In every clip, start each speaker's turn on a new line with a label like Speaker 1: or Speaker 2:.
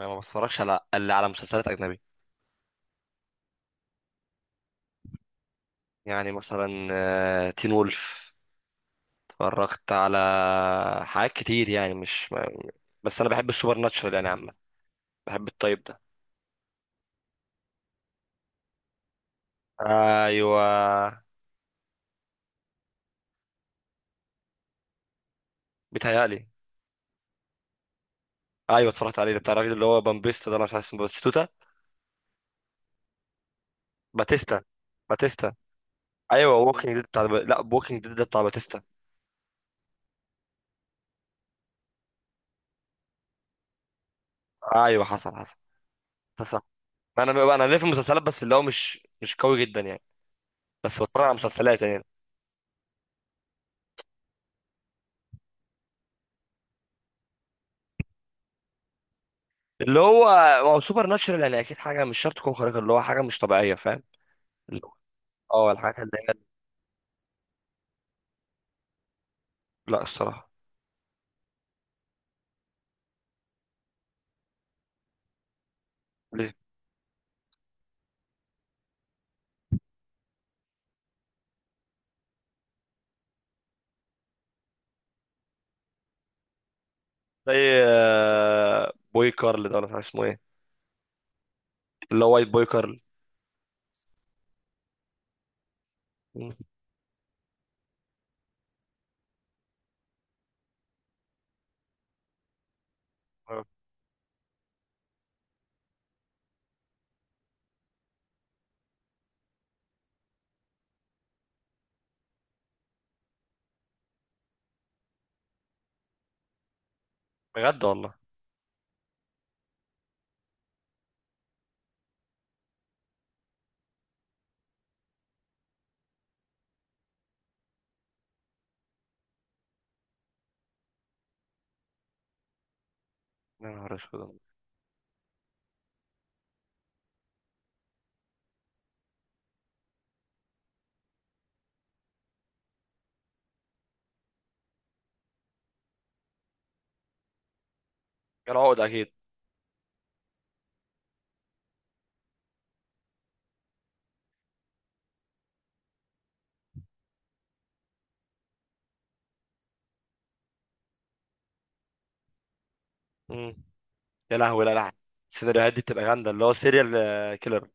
Speaker 1: أنا ما بتفرجش على الا على مسلسلات اجنبي. يعني مثلا تين وولف. اتفرجت على حاجات كتير يعني مش ما... بس انا بحب السوبر ناتشرال يعني عامه. بحب الطيب ده. ايوه بيتهيألي. ايوه اتفرجت عليه بتاع الراجل اللي هو بامبيستا ده، انا مش عارف اسمه، باتيستا، باتيستا، باتيستا. ايوه ووكينج ديد بتاع، لا ووكينج ديد ده بتاع باتيستا. ايوه، حصل حصل حصل. انا ليه في المسلسلات بس، اللي هو مش قوي جدا يعني. بس بتفرج على مسلسلات يعني. اللي هو هو سوبر ناتشرال، يعني اكيد حاجه مش شرط تكون خارقه، اللي هو حاجه مش طبيعيه، فاهم. اللي هو- اه الحاجات اللي هي. لا الصراحه. ليه؟ زي بوي كارل ده، ولا مش عارف اسمه ايه، اللي هو وايت بوي كارل. مم. آه. بجد والله. يا نهار اسود. كان عقد اكيد. مم. يا لهوي، لا لا، السيناريوهات دي بتبقى جامده، اللي هو سيريال كيلر.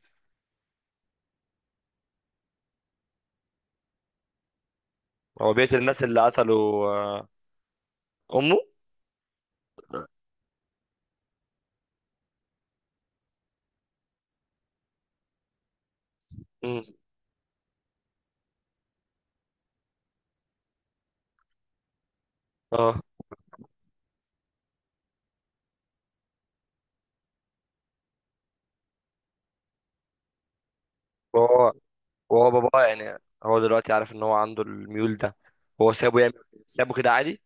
Speaker 1: هو بيقتل الناس اللي قتلوا امه. مم. اه. وهو، وهو باباه يعني، هو دلوقتي عارف ان هو عنده الميول ده، هو سابه يعمل، سابه كده عادي؟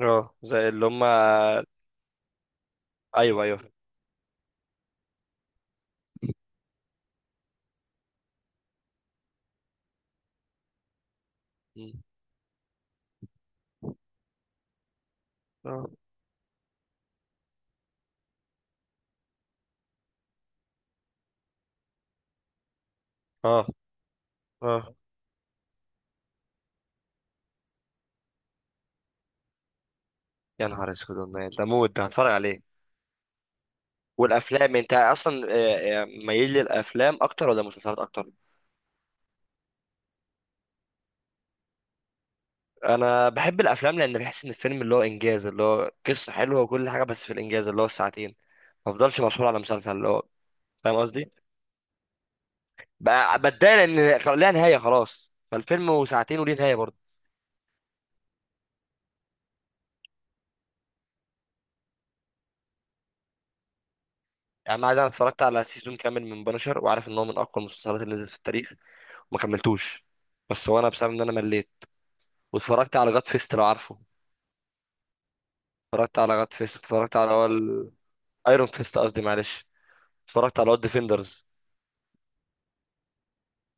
Speaker 1: اه زي اللي هم. ايوه ايوه. مم. اه اه اه. يا نهار اسود والله، ده مود، ده هتفرج عليه. والافلام انت اصلا ميال للافلام اكتر ولا مسلسلات اكتر؟ انا بحب الافلام، لان بحس ان الفيلم اللي هو انجاز، اللي هو قصه حلوه وكل حاجه بس في الانجاز اللي هو الساعتين. ما افضلش مسؤول على مسلسل اللي هو، فاهم قصدي، بتضايق لان ليها نهايه خلاص، فالفيلم وساعتين وليه نهايه برضه. يعني انا اتفرجت على سيزون كامل من بنشر، وعارف ان هو من اقوى المسلسلات اللي نزلت في التاريخ، ما كملتوش. بس هو انا بسبب ان انا مليت. واتفرجت على جاد فيست، لو عارفه. اتفرجت على جاد فيست، اتفرجت على، هو ايرون فيست قصدي، معلش. اتفرجت على هو ديفندرز،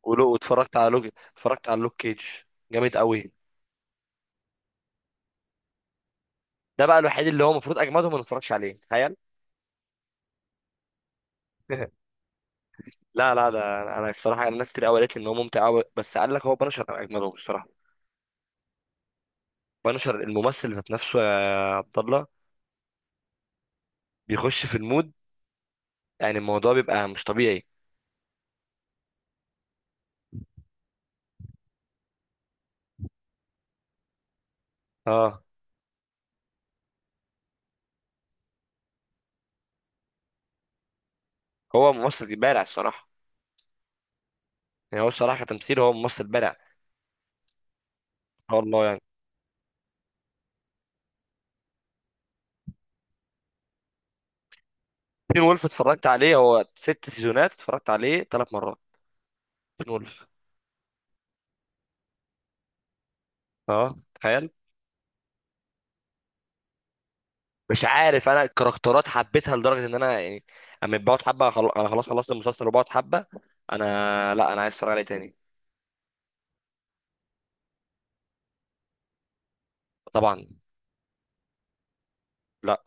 Speaker 1: ولو واتفرجت على لوج، اتفرجت على لوك كيج، جامد قوي. ده بقى الوحيد اللي هو المفروض اجمدهم ما نتفرجش عليه، تخيل. لا لا، ده انا الصراحه الناس كتير قوي قالت لي ان هو ممتع قوي، بس قال لك هو بنشر اجمدهم الصراحه. بنشر الممثل ذات نفسه يا عبد الله، بيخش في المود، يعني الموضوع بيبقى مش طبيعي. اه هو ممثل بارع الصراحه. يعني هو الصراحه كتمثيل هو ممثل بارع ما شاء الله يعني. تين وولف اتفرجت عليه، هو ست سيزونات، اتفرجت عليه ثلاث مرات. تين وولف. اه تخيل. مش عارف، انا الكاركترات حبيتها لدرجه ان انا يعني، اما بقعد حبه انا خلاص خلصت المسلسل وبقعد حبه. انا، لا انا عايز اتفرج عليه تاني. طبعا. لا،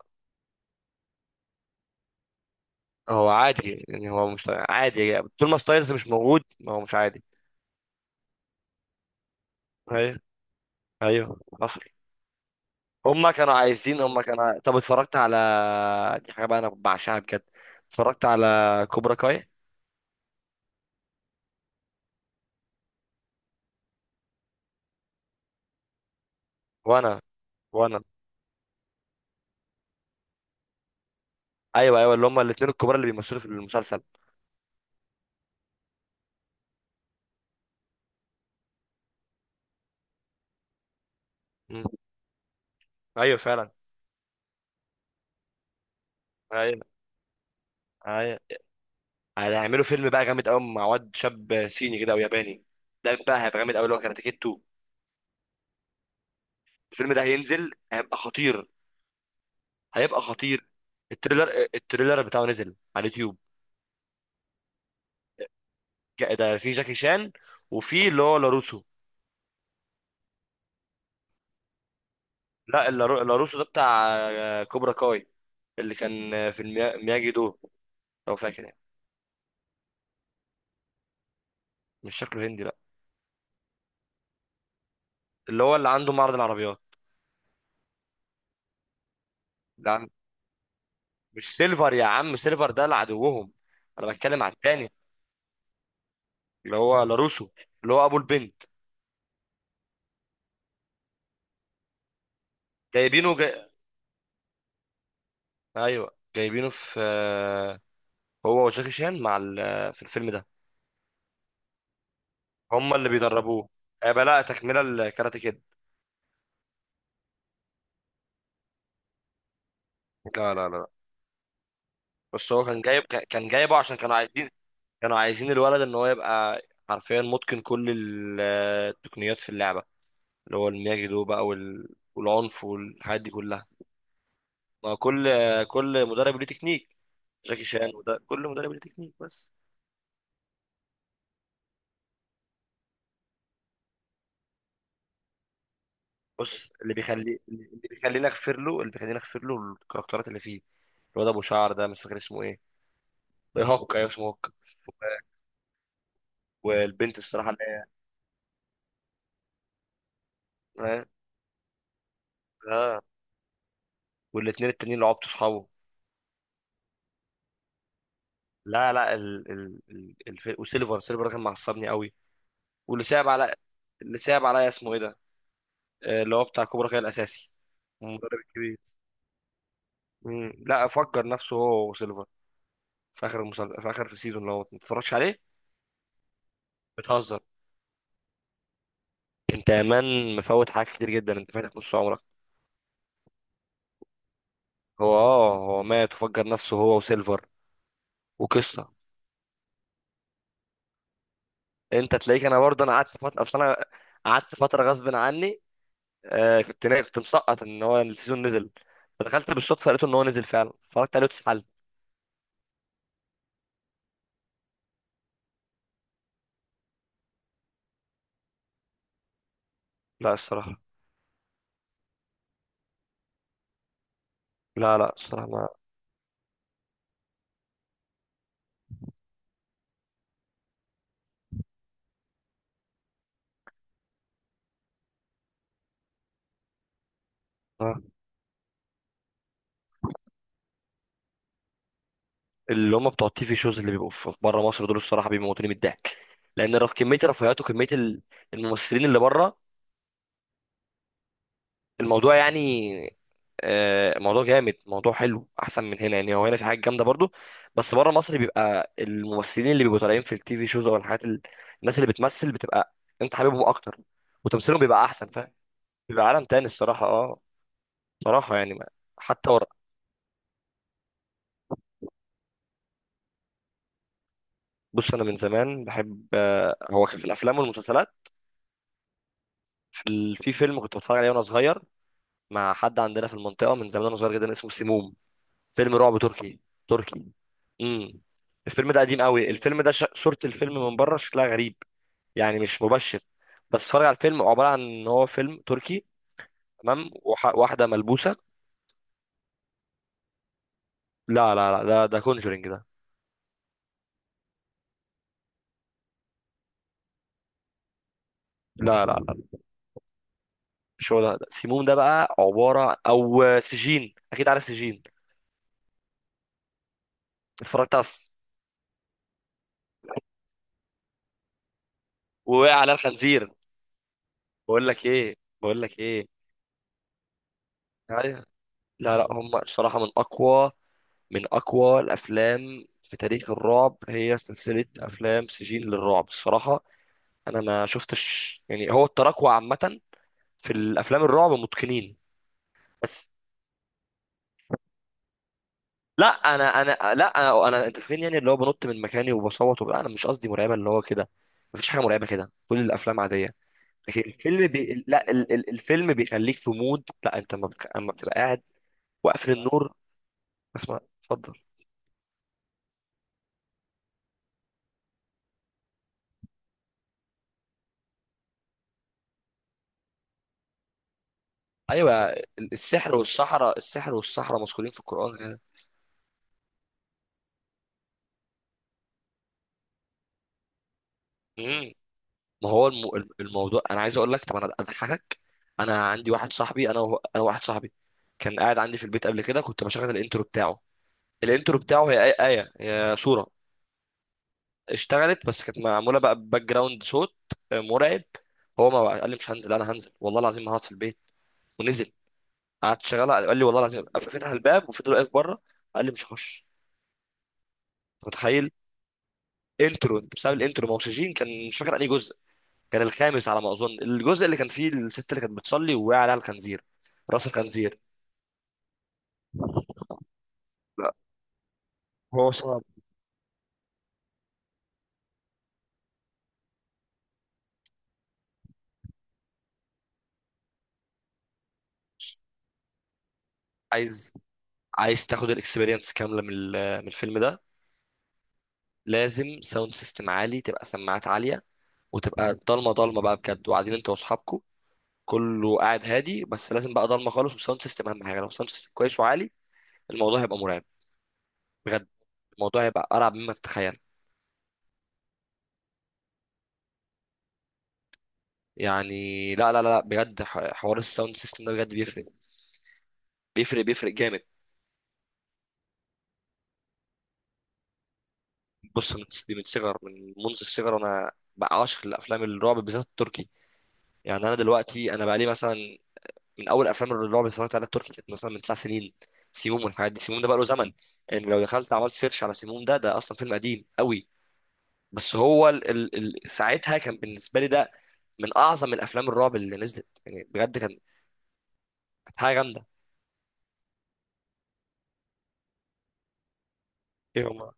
Speaker 1: هو عادي يعني، هو مش عادي طول ما ستايلز مش موجود، ما هو مش عادي. ايوه. ايوه حصل. هما كانوا عايزين، طب اتفرجت على، دي حاجه بقى انا بعشقها بجد، اتفرجت على كوبرا كاي. وانا. وانا. ايوه ايوه، اللي هم الاثنين الكبار اللي بيمثلوا في المسلسل. مم. ايوه فعلا. ايوه ايوه. هيعملوا فيلم بقى جامد قوي، مع واد شاب صيني كده او ياباني، ده بقى هيبقى جامد قوي، اللي هو كاراتيه كيد 2. الفيلم ده هينزل هيبقى خطير، هيبقى خطير. التريلر، التريلر بتاعه نزل على اليوتيوب. ده في جاكي شان، وفي اللي هو لاروسو. لا، لاروسو ده بتاع كوبرا كاي، اللي كان في مياجي دو، لو فاكر يعني. مش شكله هندي لا. اللي هو اللي عنده معرض العربيات. لا مش سيلفر يا عم، سيلفر ده لعدوهم. انا بتكلم على التاني، اللي هو لاروسو، اللي هو ابو البنت. جايبينه جاي... ايوه جايبينه في، هو وجاكي شان مع ال... في الفيلم ده. هم اللي بيدربوه. هيبقى لا تكمله الكاراتيه كده. لا لا لا. بس هو كان جايب كان جايبه عشان كانوا عايزين، كانوا عايزين الولد ان هو يبقى حرفيا متقن كل التقنيات في اللعبه، اللي هو المياجي دو بقى وال... والعنف والحاجات دي كلها. ما كل كل مدرب ليه تكنيك، جاكي شان وده، كل مدرب ليه تكنيك بس. بص، اللي بيخليني اغفر له، اللي بيخليني اغفر له الكاركترات اللي فيه. الواد ابو شعر ده مش فاكر اسمه ايه، هوكا، ايوه اسمه هوكا. والبنت الصراحه اللي هي. اه. آه. والاتنين التانيين اللي عبطوا صحابه. لا لا، وسيلفر، سيلفر ده كان معصبني قوي. واللي صعب على اللي صعب عليا اسمه ايه ده، اللي هو بتاع كوبرا كاي الاساسي، المدرب الكبير. مم. لا فجر نفسه هو وسيلفر، في في اخر، في السيزون اللي هو ما تتفرجش عليه. بتهزر؟ انت يا مان مفوت حاجات كتير جدا، انت فاتك نص عمرك. هو اه، هو مات وفجر نفسه هو وسيلفر. وقصه. انت تلاقيك، انا برضه انا قعدت فتره اصل انا، قعدت فتره غصب عني. آه كنت كنت مسقط ان هو السيزون نزل، فدخلت بالصدفه لقيته ان هو نزل فعلا، اتفرجت عليه واتسحلت. لا الصراحه. لا لا الصراحه ما. آه. اللي هم بتوع التيفي شوز اللي بيبقوا في بره مصر دول الصراحه بيموتوني من الضحك، لان كميه الرفاهيات وكميه الممثلين اللي بره الموضوع يعني، موضوع جامد موضوع حلو احسن من هنا، يعني هو هنا في حاجات جامده برضو، بس بره مصر بيبقى الممثلين اللي بيبقوا طالعين في التي في شوز او الحاجات الناس اللي بتمثل بتبقى انت حاببهم اكتر، وتمثيلهم بيبقى احسن فاهم. بيبقى عالم تاني الصراحه اه. صراحه يعني حتى ورق. بص انا من زمان بحب، هو كان في الافلام والمسلسلات. في في فيلم كنت بتفرج عليه وانا صغير، مع حد عندنا في المنطقه من زمان وانا صغير جدا اسمه سموم. فيلم رعب تركي. تركي. امم. الفيلم ده قديم قوي، الفيلم ده صورة الفيلم من بره شكلها غريب، يعني مش مبشر. بس اتفرج على الفيلم، عباره عن ان هو فيلم تركي. واحده ملبوسه. لا لا لا، ده ده كونجرينج ده. لا لا لا، مش هو، ده سيموم، ده بقى عباره، او سجين، اكيد عارف سجين. اتفرجت على الس- ووقع على الخنزير. بقول لك ايه، بقول لك ايه، أيوة. لا لا، هم الصراحه من اقوى، من اقوى الافلام في تاريخ الرعب، هي سلسله افلام سجين للرعب الصراحه. انا ما شفتش يعني هو التراكوة عامه في الافلام الرعب متقنين. بس. لا، أنا انت فاهمني يعني، اللي هو بنط من مكاني وبصوت وبتاع، انا مش قصدي مرعبه اللي هو كده، مفيش حاجه مرعبه كده، كل الافلام عاديه. لكن الفيلم بي... لا ال... ال... الفيلم بيخليك في مود، لا انت ما بتخ... اما بتبقى قاعد واقفل النور. اسمع اتفضل. ايوه السحر والصحراء، السحر والصحراء مذكورين في القران كده. امم. ما هو الموضوع انا عايز اقول لك، طب انا اضحكك. انا عندي واحد صاحبي، انا و... انا واحد صاحبي كان قاعد عندي في البيت قبل كده، كنت بشغل الانترو بتاعه. الانترو بتاعه هي آية، آية هي صورة. اشتغلت، بس كانت معمولة بقى باك جراوند صوت مرعب. هو ما بقى- قال لي مش هنزل، انا هنزل والله العظيم ما هقعد في البيت. ونزل. قعدت شغالة. قال لي والله العظيم، فتح الباب وفضل واقف بره. قال لي مش هخش. أنت متخيل؟ انترو، انت بسبب الانترو ما اكسجين. كان مش فاكر انهي جزء، كان الخامس على ما اظن، الجزء اللي كان فيه الست اللي كانت بتصلي ووقع عليها الخنزير. راس الخنزير. لا هو صعب. عايز، عايز تاخد الاكسبيرينس كامله من من الفيلم ده، لازم ساوند سيستم عالي، تبقى سماعات عالية، وتبقى ضلمة، ضلمة بقى بجد، وقاعدين انت واصحابكم، كله قاعد هادي، بس لازم بقى ضلمة خالص، والساوند سيستم اهم حاجة، لو الساوند سيستم كويس وعالي الموضوع هيبقى مرعب بجد. الموضوع هيبقى ارعب مما تتخيل. يعني لا، بجد حوار الساوند سيستم ده بجد بيفرق، بيفرق، بيفرق جامد. بص من دي، من صغر من منذ الصغر وانا بقى عاشق لافلام الرعب، بالذات التركي. يعني انا دلوقتي بقى لي مثلا، من اول افلام الرعب اللي اتفرجت عليها التركي كانت مثلا من تسع سنين. سيموم والحاجات دي، سيموم ده بقى له زمن. يعني لو دخلت عملت سيرش على سيموم ده، ده اصلا فيلم قديم قوي. بس هو ال ال ال ساعتها كان بالنسبه لي ده من اعظم الافلام الرعب اللي نزلت، يعني بجد كان، كانت حاجه جامده. ايه هم؟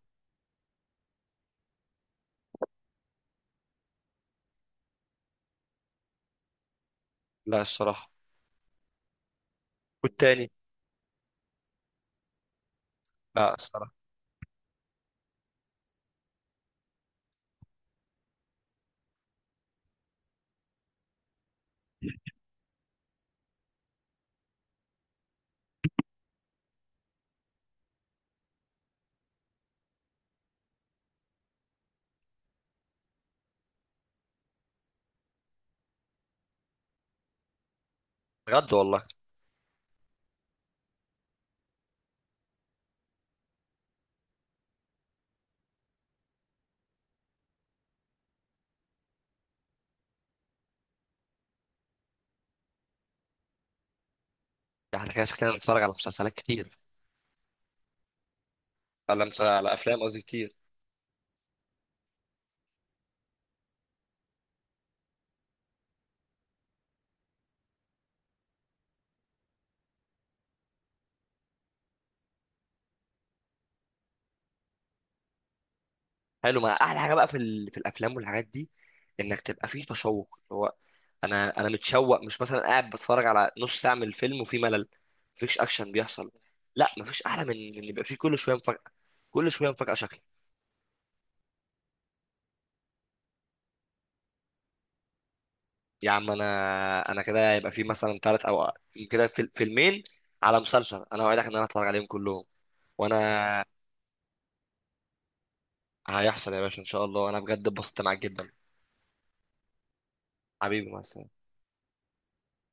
Speaker 1: لا الصراحه. والتاني لا الصراحه. بجد والله. احنا كده شكلنا بنتفرج على مسلسلات كتير، على افلام قصدي كتير. حلو. ما احلى حاجه بقى في ال... في الافلام والحاجات دي، انك تبقى فيه تشوق، اللي هو انا متشوق، مش مثلا قاعد بتفرج على نص ساعه من الفيلم وفي ملل، مفيش اكشن بيحصل. لا مفيش احلى من ان يبقى فيه كل شويه مفاجاه، كل شويه مفاجاه شكل. يا عم انا، انا كده يبقى فيه مثلا ثلاث او كده فيلمين على مسلسل، انا اوعدك ان انا اتفرج عليهم كلهم. وانا هيحصل يا باشا، ان شاء الله، انا بجد اتبسطت معاك جدا. حبيبي مثلا.